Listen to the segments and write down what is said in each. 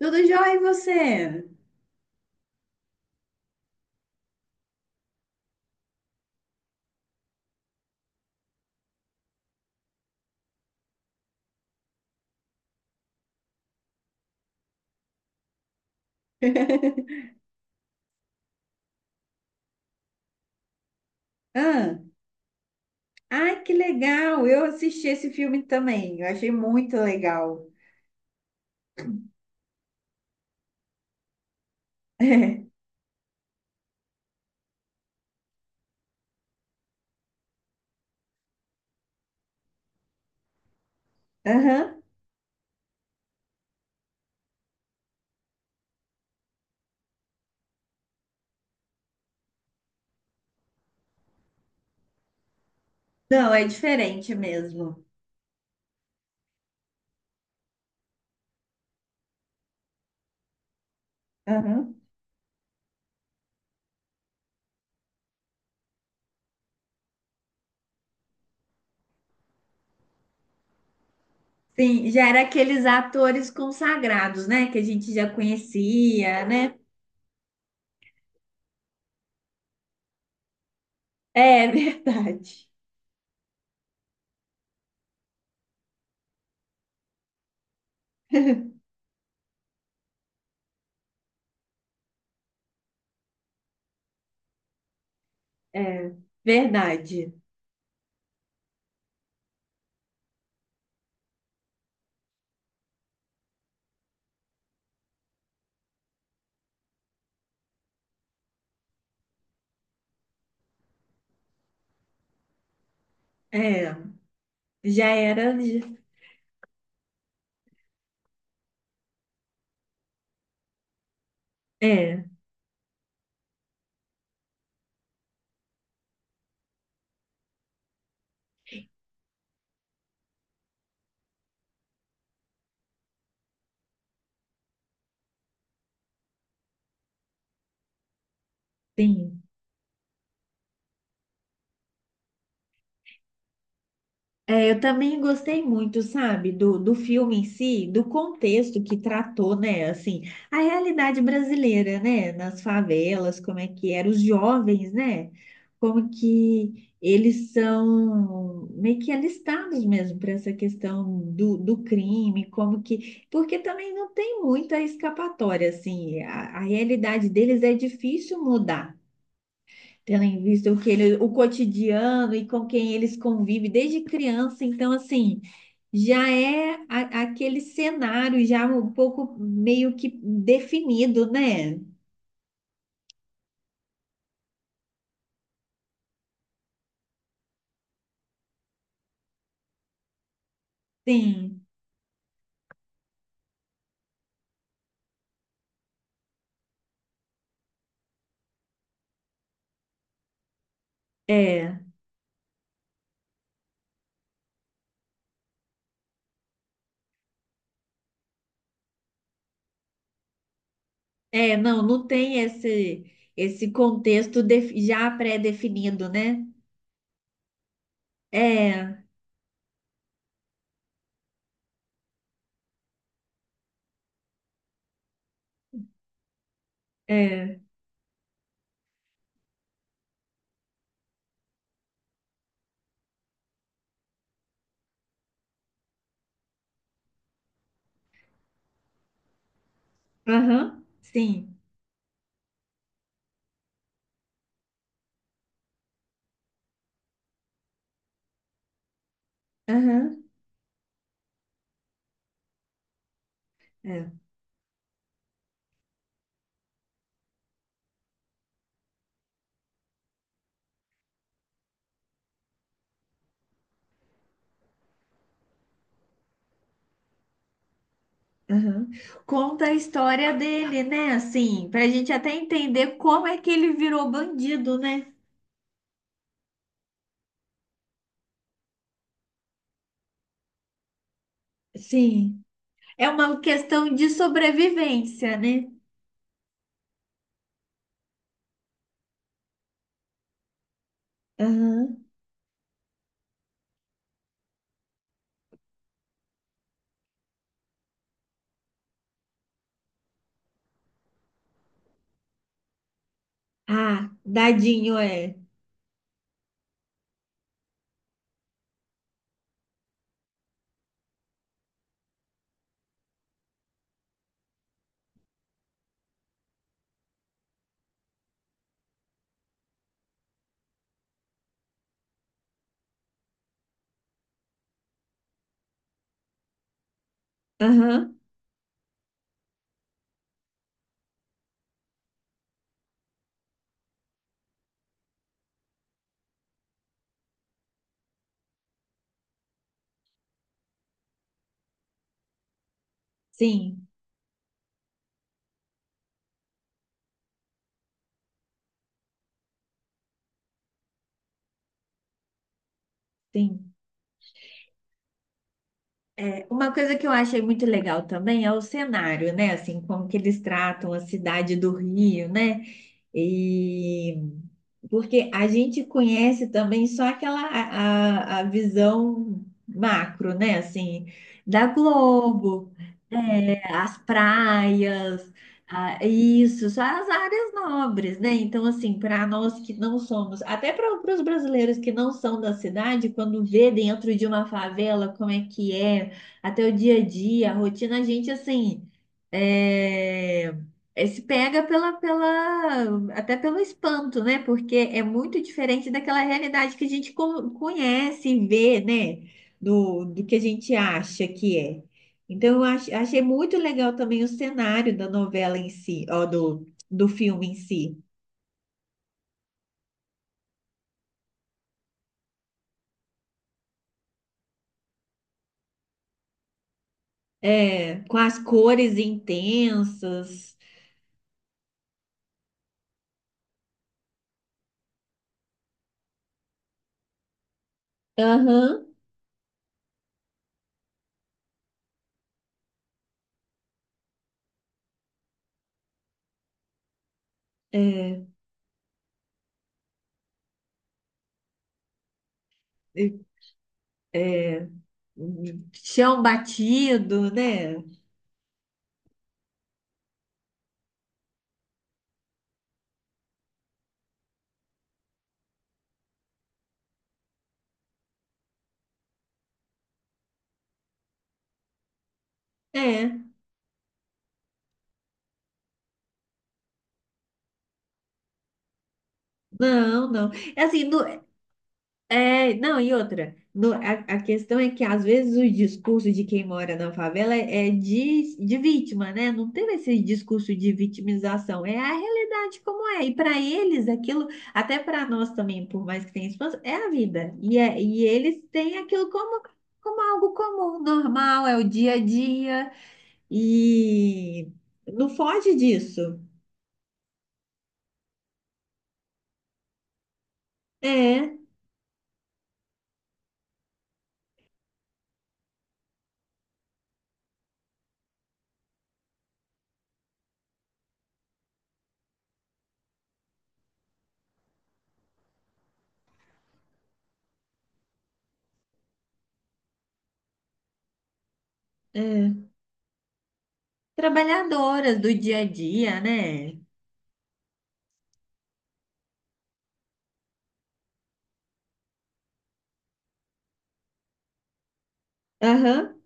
Tudo jóia e você? Ah, ai, que legal! Eu assisti esse filme também. Eu achei muito legal. É. Aham. Não, é diferente mesmo. Aham. Sim, já era aqueles atores consagrados, né? Que a gente já conhecia, né? É verdade. É verdade. É, já era. É, sim. É, eu também gostei muito, sabe, do filme em si, do contexto que tratou, né, assim, a realidade brasileira, né, nas favelas, como é que eram os jovens, né, como que eles são meio que alistados mesmo para essa questão do crime, como que, porque também não tem muita escapatória, assim, a realidade deles é difícil mudar. Tendo em vista o que ele, o cotidiano e com quem eles convivem desde criança, então assim, aquele cenário já um pouco meio que definido, né? Sim, é, é, não, não tem esse contexto já pré-definido, né? É, é, aham, sim, aham, é, aham. Conta a história dele, né? Assim, pra gente até entender como é que ele virou bandido, né? Sim. É uma questão de sobrevivência, né? Aham. Ah, dadinho é. Aham. Sim, sim. É, uma coisa que eu achei muito legal também é o cenário, né? Assim, como que eles tratam a cidade do Rio, né? E porque a gente conhece também só aquela a visão macro, né? Assim, da Globo, é, as praias, isso, só as áreas nobres, né? Então, assim, para nós que não somos, até para os brasileiros que não são da cidade, quando vê dentro de uma favela como é que é, até o dia a dia, a rotina, a gente, assim. É, esse pega pela, até pelo espanto, né? Porque é muito diferente daquela realidade que a gente conhece e vê, né? Do, do que a gente acha que é. Então, eu achei muito legal também o cenário da novela em si, ó, do filme em si. É, com as cores intensas. Aham. É, é, um chão batido, né? É. Não, não. É. Assim, é, não, e outra, a questão é que às vezes o discurso de quem mora na favela é de vítima, né? Não tem esse discurso de vitimização, é a realidade como é. E para eles, aquilo, até para nós também, por mais que tenha espaço, é a vida. E eles têm aquilo como algo comum, normal, é o dia a dia, e não foge disso. É, é. Trabalhadoras do dia a dia, né? Aham,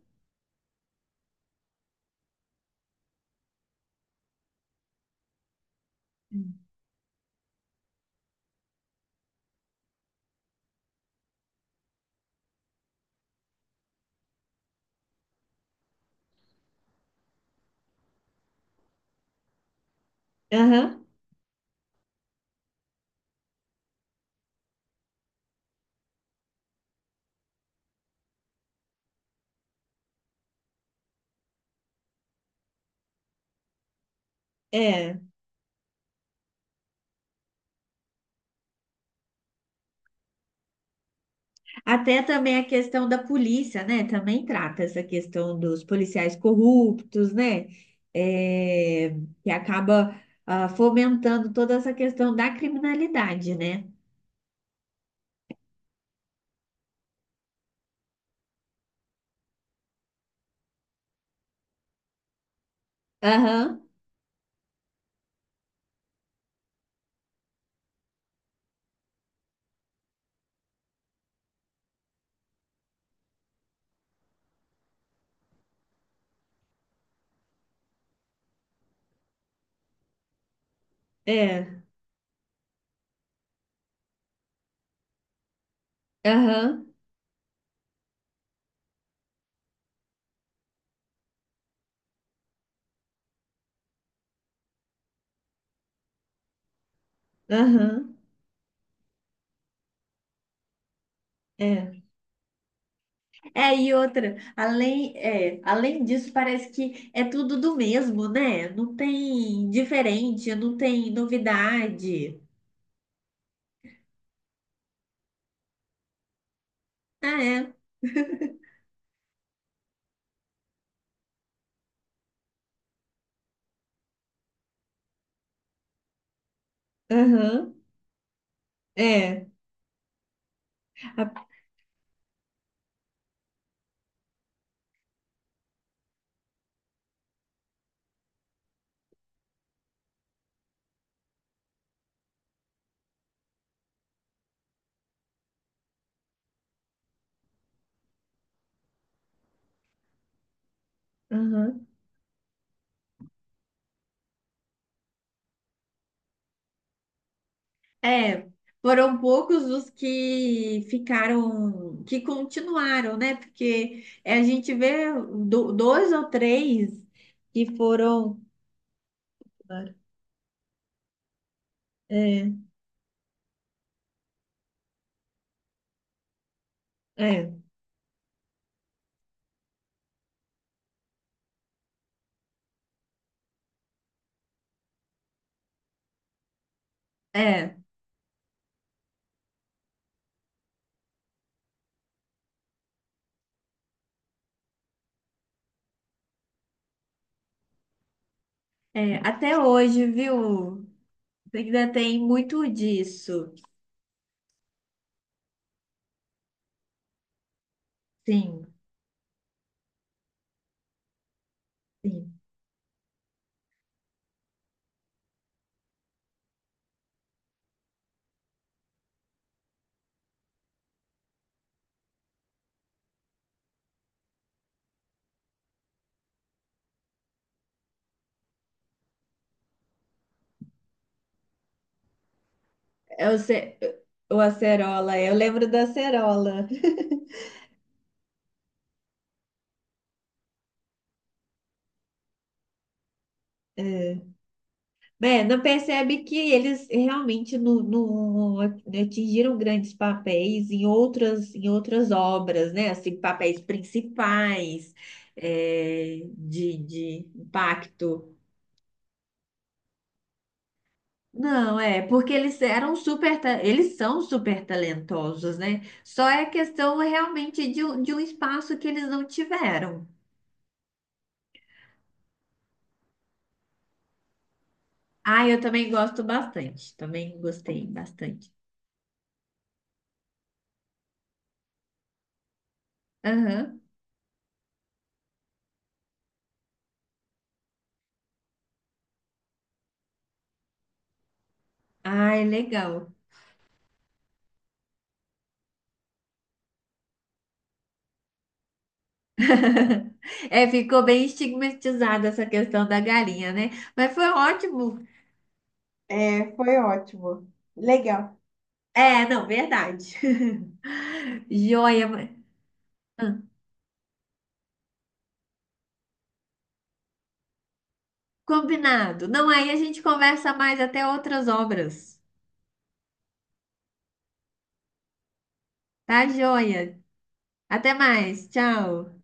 aham. É, até também a questão da polícia, né? Também trata essa questão dos policiais corruptos, né? É, que acaba fomentando toda essa questão da criminalidade, né? Aham, é, aham, aham, é. É, e outra, além disso, parece que é tudo do mesmo, né? Não tem diferente, não tem novidade. Ah, é, aham, é. A- Aham. É, foram poucos os que ficaram, que continuaram, né? Porque é, a gente vê dois ou três que foram. É, é, é, é, até hoje, viu? Ainda tem muito disso. Sim, sim. É, o Acerola, eu lembro da Acerola. É. Brenda, percebe que eles realmente atingiram grandes papéis em outras obras, né? Assim, papéis principais, de impacto. Não, porque eles são super talentosos, né? Só é questão realmente de um espaço que eles não tiveram. Ah, eu também gosto bastante, também gostei bastante. Aham. Ah, é legal. É, ficou bem estigmatizada essa questão da galinha, né? Mas foi ótimo. É, foi ótimo. Legal. É, não, verdade. Joia. Ah, Combinado. Não, aí a gente conversa mais até outras obras. Tá, joia? Até mais. Tchau.